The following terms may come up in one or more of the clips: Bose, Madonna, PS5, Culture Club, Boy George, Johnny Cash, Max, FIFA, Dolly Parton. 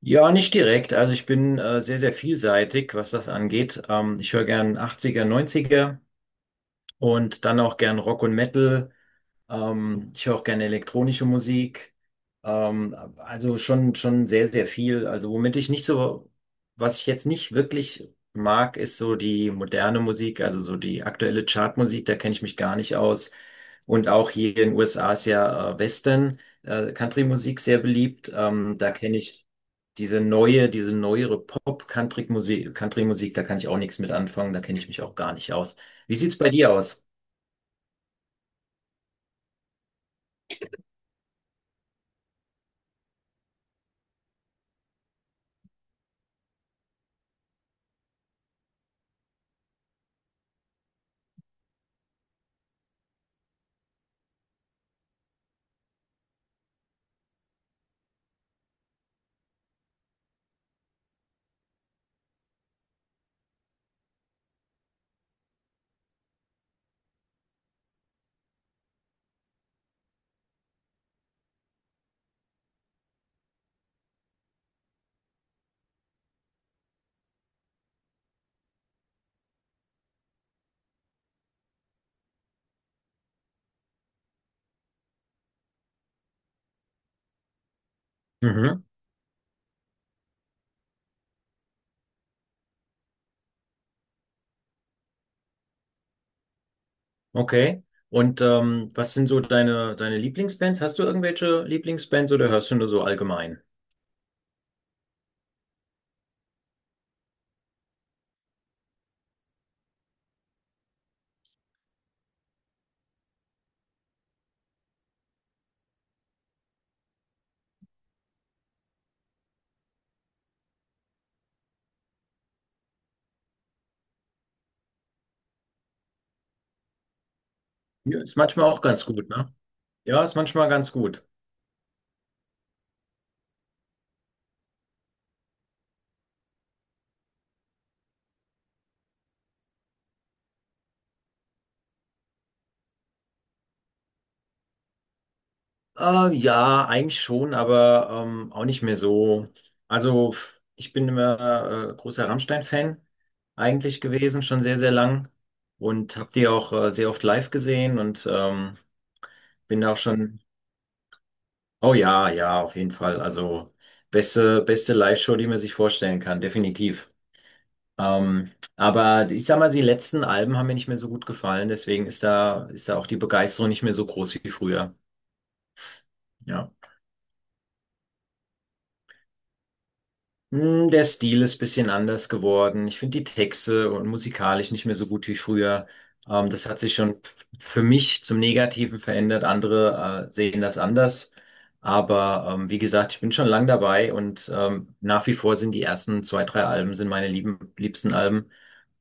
Ja, nicht direkt. Also ich bin sehr, sehr vielseitig, was das angeht. Ich höre gern 80er, 90er und dann auch gern Rock und Metal. Ich höre auch gerne elektronische Musik. Also schon sehr, sehr viel. Also womit ich nicht so, was ich jetzt nicht wirklich mag, ist so die moderne Musik, also so die aktuelle Chartmusik, da kenne ich mich gar nicht aus. Und auch hier in den USA ist ja Western, Country-Musik sehr beliebt. Da kenne ich diese neuere Country-Musik, da kann ich auch nichts mit anfangen, da kenne ich mich auch gar nicht aus. Wie sieht's bei dir aus? Mhm. Okay. Und was sind so deine Lieblingsbands? Hast du irgendwelche Lieblingsbands oder hörst du nur so allgemein? Ja, ist manchmal auch ganz gut, ne? Ja, ist manchmal ganz gut. Ja, eigentlich schon, aber auch nicht mehr so. Also, ich bin immer großer Rammstein-Fan eigentlich gewesen, schon sehr, sehr lang. Und habe die auch sehr oft live gesehen und bin da auch schon. Oh ja, ja, auf jeden Fall. Also, beste Live-Show, die man sich vorstellen kann, definitiv. Aber ich sag mal, die letzten Alben haben mir nicht mehr so gut gefallen, deswegen ist da auch die Begeisterung nicht mehr so groß wie früher. Ja. Der Stil ist ein bisschen anders geworden. Ich finde die Texte und musikalisch nicht mehr so gut wie früher. Das hat sich schon für mich zum Negativen verändert. Andere sehen das anders. Aber wie gesagt, ich bin schon lang dabei und nach wie vor sind die ersten zwei, drei Alben sind meine liebsten Alben.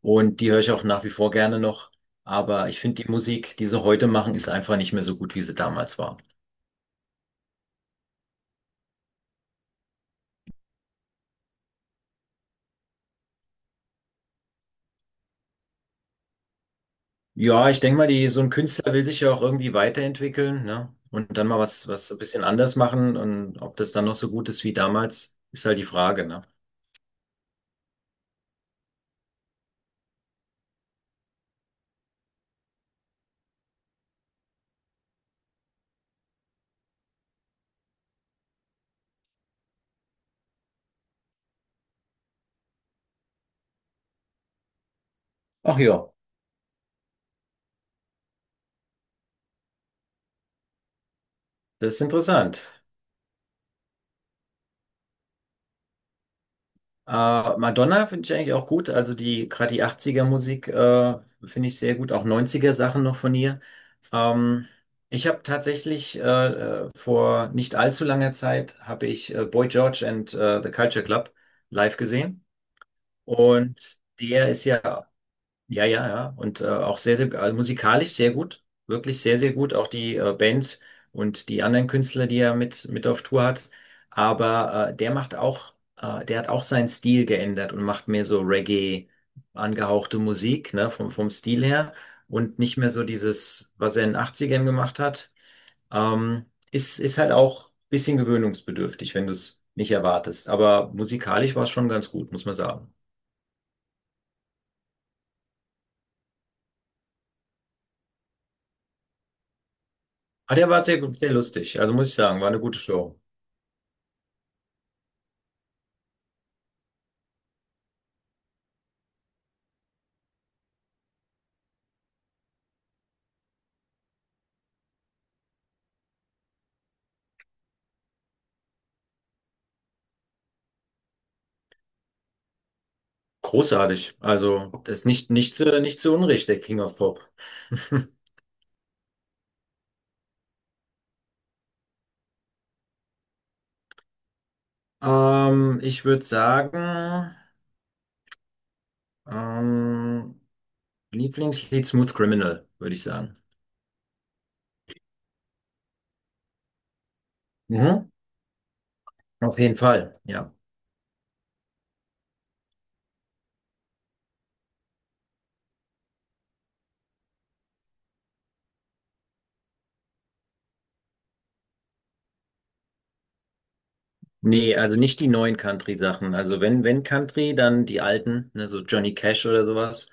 Und die höre ich auch nach wie vor gerne noch. Aber ich finde die Musik, die sie heute machen, ist einfach nicht mehr so gut, wie sie damals war. Ja, ich denke mal, so ein Künstler will sich ja auch irgendwie weiterentwickeln, ne? Und dann mal was so ein bisschen anders machen, und ob das dann noch so gut ist wie damals, ist halt die Frage, ne? Ach ja, das ist interessant. Äh, Madonna finde ich eigentlich auch gut. Also die, gerade die 80er Musik, finde ich sehr gut. Auch 90er Sachen noch von ihr. Ähm, ich habe tatsächlich vor nicht allzu langer Zeit habe ich Boy George and the Culture Club live gesehen. Und der ist ja. Ja, ja, ja. Und auch sehr, sehr, also musikalisch sehr gut. Wirklich sehr, sehr gut. Auch die Band und die anderen Künstler, die er mit auf Tour hat. Aber der hat auch seinen Stil geändert und macht mehr so Reggae angehauchte Musik, ne, vom Stil her. Und nicht mehr so dieses, was er in den 80ern gemacht hat. Ähm, ist halt auch ein bisschen gewöhnungsbedürftig, wenn du es nicht erwartest. Aber musikalisch war es schon ganz gut, muss man sagen. Ah, der war sehr lustig. Also muss ich sagen, war eine gute Show. Großartig. Also, das ist nicht zu Unrecht der King of Pop. Ich würde sagen, ähm, Lieblingslied Smooth Criminal, würde ich sagen. Mhm. Auf jeden Fall, ja. Nee, also nicht die neuen Country-Sachen. Wenn Country, dann die alten, ne, so Johnny Cash oder sowas.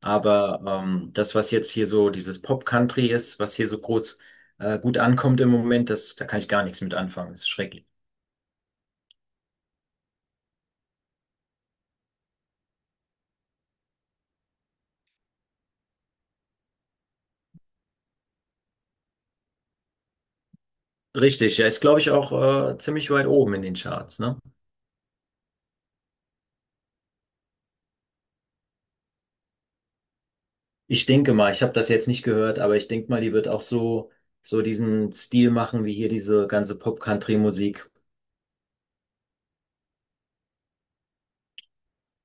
Aber das, was jetzt hier so dieses Pop-Country ist, was hier so groß gut ankommt im Moment, da kann ich gar nichts mit anfangen. Das ist schrecklich. Richtig, ja, ist glaube ich auch ziemlich weit oben in den Charts, ne? Ich denke mal, ich habe das jetzt nicht gehört, aber ich denke mal, die wird auch so diesen Stil machen wie hier diese ganze Pop-Country-Musik.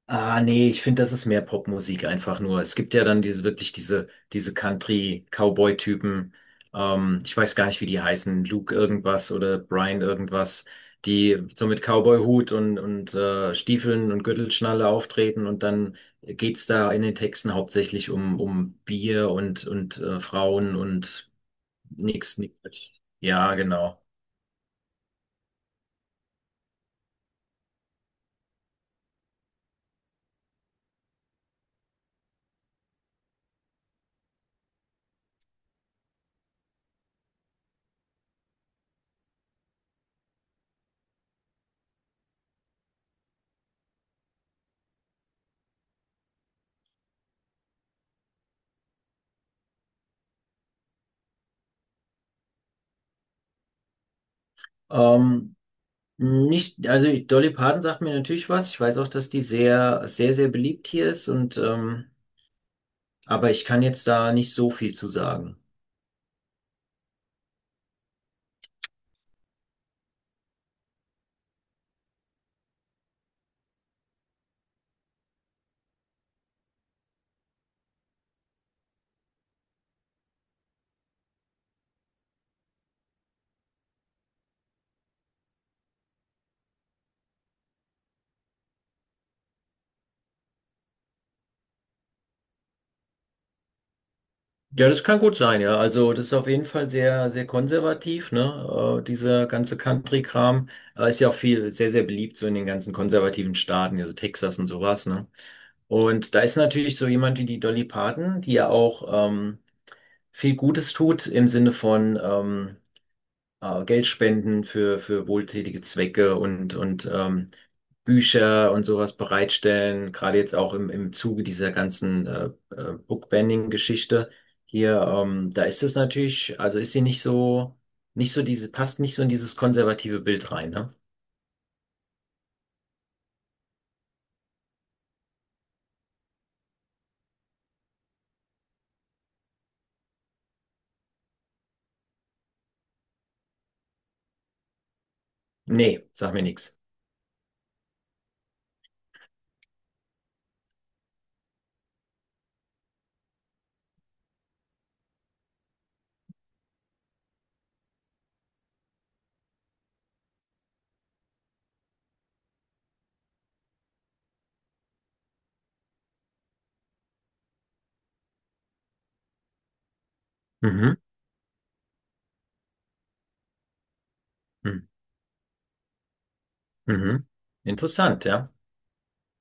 Ah, nee, ich finde, das ist mehr Popmusik einfach nur. Es gibt ja dann diese Country-Cowboy-Typen. Ich weiß gar nicht, wie die heißen. Luke irgendwas oder Brian irgendwas, die so mit Cowboy-Hut und Stiefeln und Gürtelschnalle auftreten, und dann geht's da in den Texten hauptsächlich um Bier und Frauen und nix. Ja, genau. Ähm, Nicht, also Dolly Parton sagt mir natürlich was. Ich weiß auch, dass die sehr, sehr, sehr beliebt hier ist, und aber ich kann jetzt da nicht so viel zu sagen. Ja, das kann gut sein, ja. Also das ist auf jeden Fall sehr, sehr konservativ, ne? Dieser ganze Country-Kram. Ist ja auch viel, sehr, sehr beliebt so in den ganzen konservativen Staaten, also Texas und sowas, ne? Und da ist natürlich so jemand wie die Dolly Parton, die ja auch viel Gutes tut im Sinne von Geld spenden für wohltätige Zwecke und Bücher und sowas bereitstellen, gerade jetzt auch im Zuge dieser ganzen Bookbanning-Geschichte hier, da ist es natürlich, also ist sie nicht so, nicht so diese, passt nicht so in dieses konservative Bild rein, ne? Nee, sag mir nichts. Mhm. Mhm. Mhm. Interessant, ja.